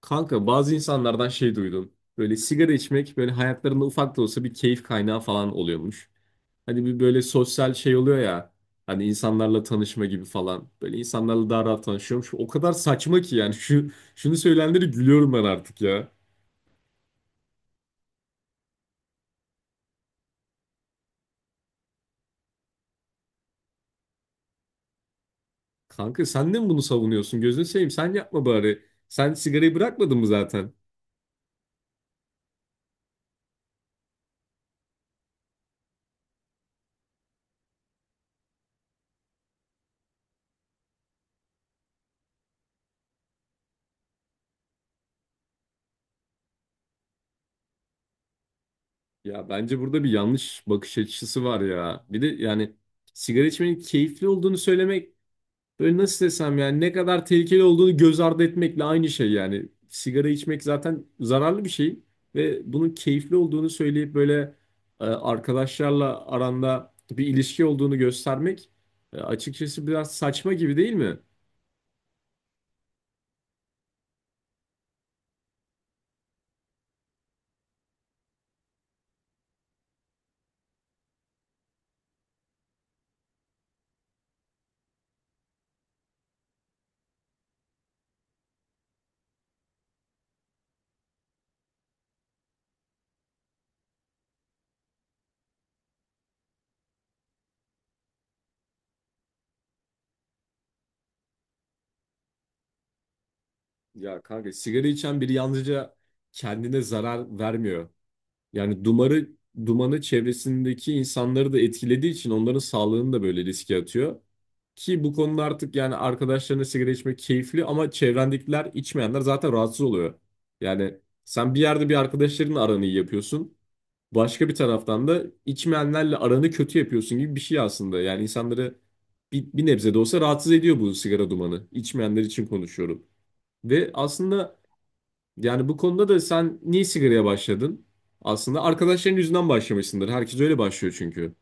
Kanka bazı insanlardan şey duydum. Böyle sigara içmek böyle hayatlarında ufak da olsa bir keyif kaynağı falan oluyormuş. Hani bir böyle sosyal şey oluyor ya. Hani insanlarla tanışma gibi falan. Böyle insanlarla daha rahat tanışıyormuş. O kadar saçma ki yani şunu söyleyenlere gülüyorum ben artık ya. Kanka sen de mi bunu savunuyorsun? Gözünü seveyim sen yapma bari. Sen sigarayı bırakmadın mı zaten? Ya bence burada bir yanlış bakış açısı var ya. Bir de yani sigara içmenin keyifli olduğunu söylemek, böyle nasıl desem yani, ne kadar tehlikeli olduğunu göz ardı etmekle aynı şey yani. Sigara içmek zaten zararlı bir şey ve bunun keyifli olduğunu söyleyip böyle arkadaşlarla aranda bir ilişki olduğunu göstermek açıkçası biraz saçma gibi değil mi? Ya kanka, sigara içen biri yalnızca kendine zarar vermiyor. Yani dumanı çevresindeki insanları da etkilediği için onların sağlığını da böyle riske atıyor. Ki bu konuda artık yani arkadaşlarına sigara içmek keyifli ama çevrendekiler, içmeyenler, zaten rahatsız oluyor. Yani sen bir yerde arkadaşlarınla aranı iyi yapıyorsun. Başka bir taraftan da içmeyenlerle aranı kötü yapıyorsun gibi bir şey aslında. Yani insanları bir nebze de olsa rahatsız ediyor bu sigara dumanı. İçmeyenler için konuşuyorum. Ve aslında yani bu konuda da sen niye sigaraya başladın? Aslında arkadaşların yüzünden başlamışsındır. Herkes öyle başlıyor çünkü.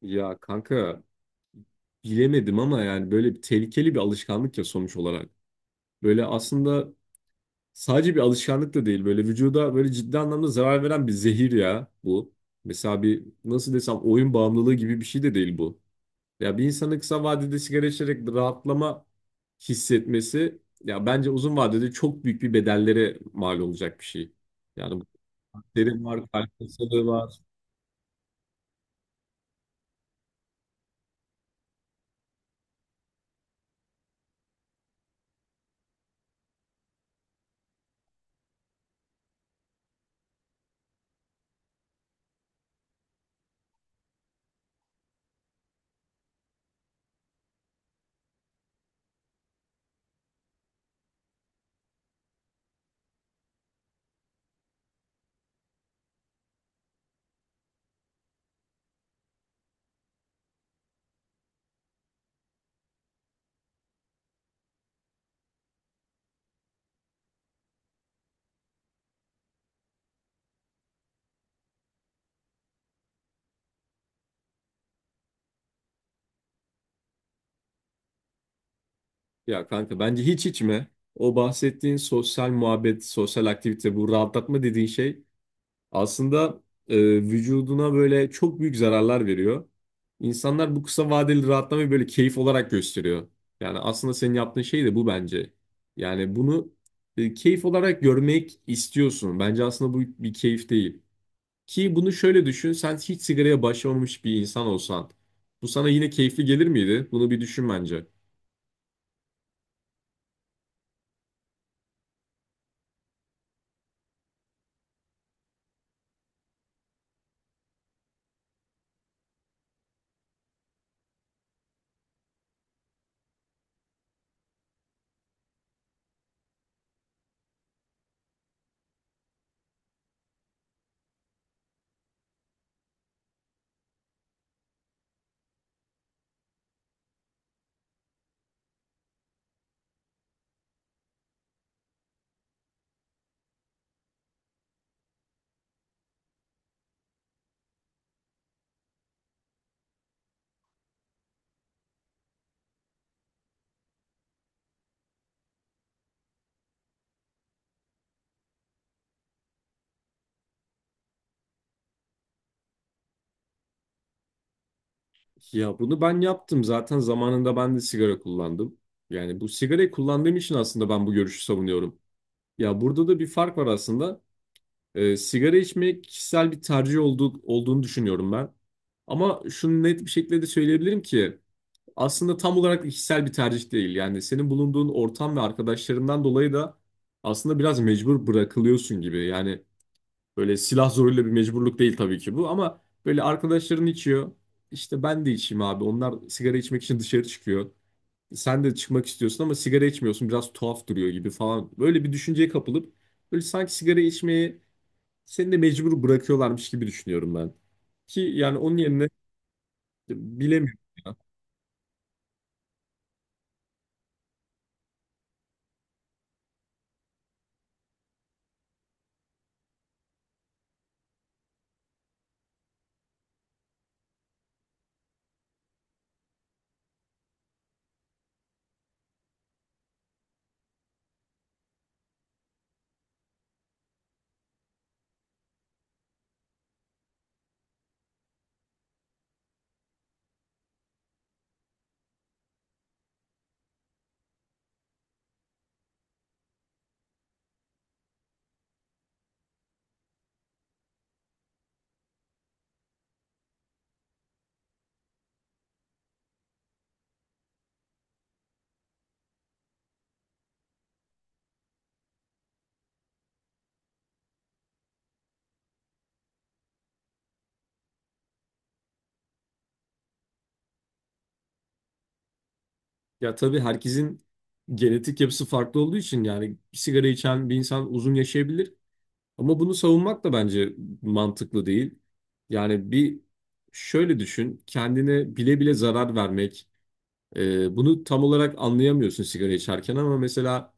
Ya kanka, bilemedim ama yani böyle bir tehlikeli bir alışkanlık ya sonuç olarak. Böyle aslında sadece bir alışkanlık da değil. Böyle vücuda böyle ciddi anlamda zarar veren bir zehir ya bu. Mesela bir nasıl desem, oyun bağımlılığı gibi bir şey de değil bu. Ya bir insanın kısa vadede sigara içerek rahatlama hissetmesi ya bence uzun vadede çok büyük bir bedellere mal olacak bir şey. Yani derin var, kalp hastalığı var. Ya kanka, bence hiç içme. O bahsettiğin sosyal muhabbet, sosyal aktivite, bu rahatlatma dediğin şey aslında e, vücuduna böyle çok büyük zararlar veriyor. İnsanlar bu kısa vadeli rahatlamayı böyle keyif olarak gösteriyor. Yani aslında senin yaptığın şey de bu bence. Yani bunu keyif olarak görmek istiyorsun. Bence aslında bu bir keyif değil. Ki bunu şöyle düşün, sen hiç sigaraya başlamamış bir insan olsan, bu sana yine keyifli gelir miydi? Bunu bir düşün bence. Ya bunu ben yaptım zaten, zamanında ben de sigara kullandım. Yani bu sigarayı kullandığım için aslında ben bu görüşü savunuyorum. Ya burada da bir fark var aslında. Sigara içmek kişisel bir tercih olduğunu düşünüyorum ben. Ama şunu net bir şekilde de söyleyebilirim ki aslında tam olarak kişisel bir tercih değil. Yani senin bulunduğun ortam ve arkadaşlarından dolayı da aslında biraz mecbur bırakılıyorsun gibi. Yani böyle silah zoruyla bir mecburluk değil tabii ki bu, ama böyle arkadaşların içiyor. İşte ben de içeyim abi. Onlar sigara içmek için dışarı çıkıyor. Sen de çıkmak istiyorsun ama sigara içmiyorsun. Biraz tuhaf duruyor gibi falan. Böyle bir düşünceye kapılıp böyle sanki sigara içmeyi seni de mecbur bırakıyorlarmış gibi düşünüyorum ben. Ki yani onun yerine bilemiyorum ya. Ya tabii herkesin genetik yapısı farklı olduğu için yani sigara içen bir insan uzun yaşayabilir. Ama bunu savunmak da bence mantıklı değil. Yani bir şöyle düşün, kendine bile bile zarar vermek. Bunu tam olarak anlayamıyorsun sigara içerken ama mesela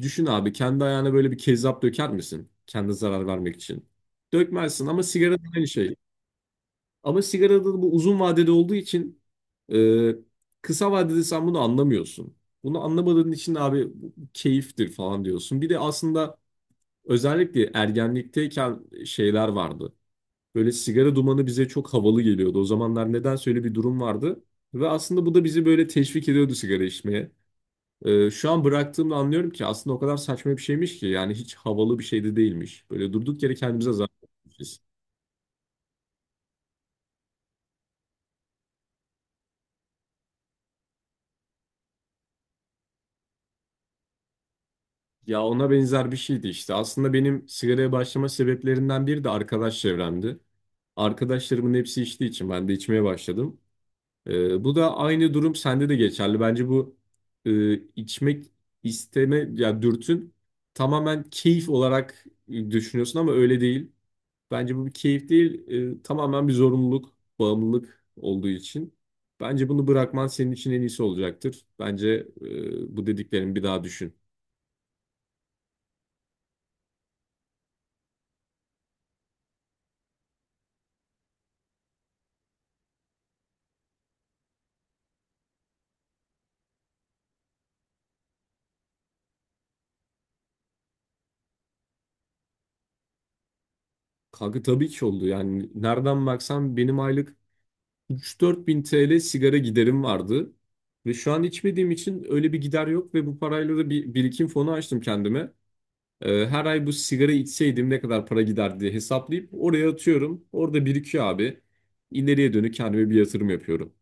düşün abi, kendi ayağına böyle bir kezzap döker misin? Kendine zarar vermek için. Dökmezsin, ama sigara da aynı şey. Ama sigarada da bu uzun vadede olduğu için e, kısa vadede sen bunu anlamıyorsun. Bunu anlamadığın için abi bu keyiftir falan diyorsun. Bir de aslında özellikle ergenlikteyken şeyler vardı. Böyle sigara dumanı bize çok havalı geliyordu. O zamanlar nedense öyle bir durum vardı. Ve aslında bu da bizi böyle teşvik ediyordu sigara içmeye. Şu an bıraktığımda anlıyorum ki aslında o kadar saçma bir şeymiş ki. Yani hiç havalı bir şey de değilmiş. Böyle durduk yere kendimize zarar vermişiz. Ya ona benzer bir şeydi işte. Aslında benim sigaraya başlama sebeplerinden biri de arkadaş çevremdi. Arkadaşlarımın hepsi içtiği için ben de içmeye başladım. Bu da aynı durum sende de geçerli. Bence bu içmek isteme ya dürtün tamamen keyif olarak düşünüyorsun ama öyle değil. Bence bu bir keyif değil, tamamen bir zorunluluk, bağımlılık olduğu için. Bence bunu bırakman senin için en iyisi olacaktır. Bence bu dediklerimi bir daha düşün. Kanka tabii ki oldu. Yani nereden baksan benim aylık 3-4 bin TL sigara giderim vardı. Ve şu an içmediğim için öyle bir gider yok ve bu parayla da bir birikim fonu açtım kendime. Her ay bu sigara içseydim ne kadar para gider diye hesaplayıp oraya atıyorum. Orada birikiyor abi. İleriye dönük kendime bir yatırım yapıyorum.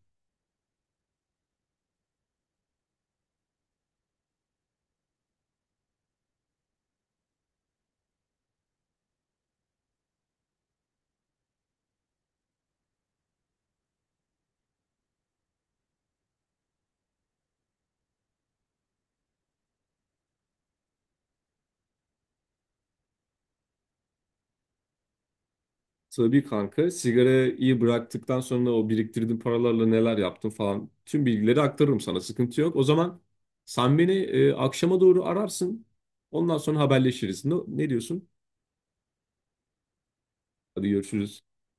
Tabii kanka, sigarayı bıraktıktan sonra o biriktirdiğim paralarla neler yaptım falan, tüm bilgileri aktarırım sana, sıkıntı yok. O zaman sen beni akşama doğru ararsın, ondan sonra haberleşiriz. Ne diyorsun? Hadi görüşürüz.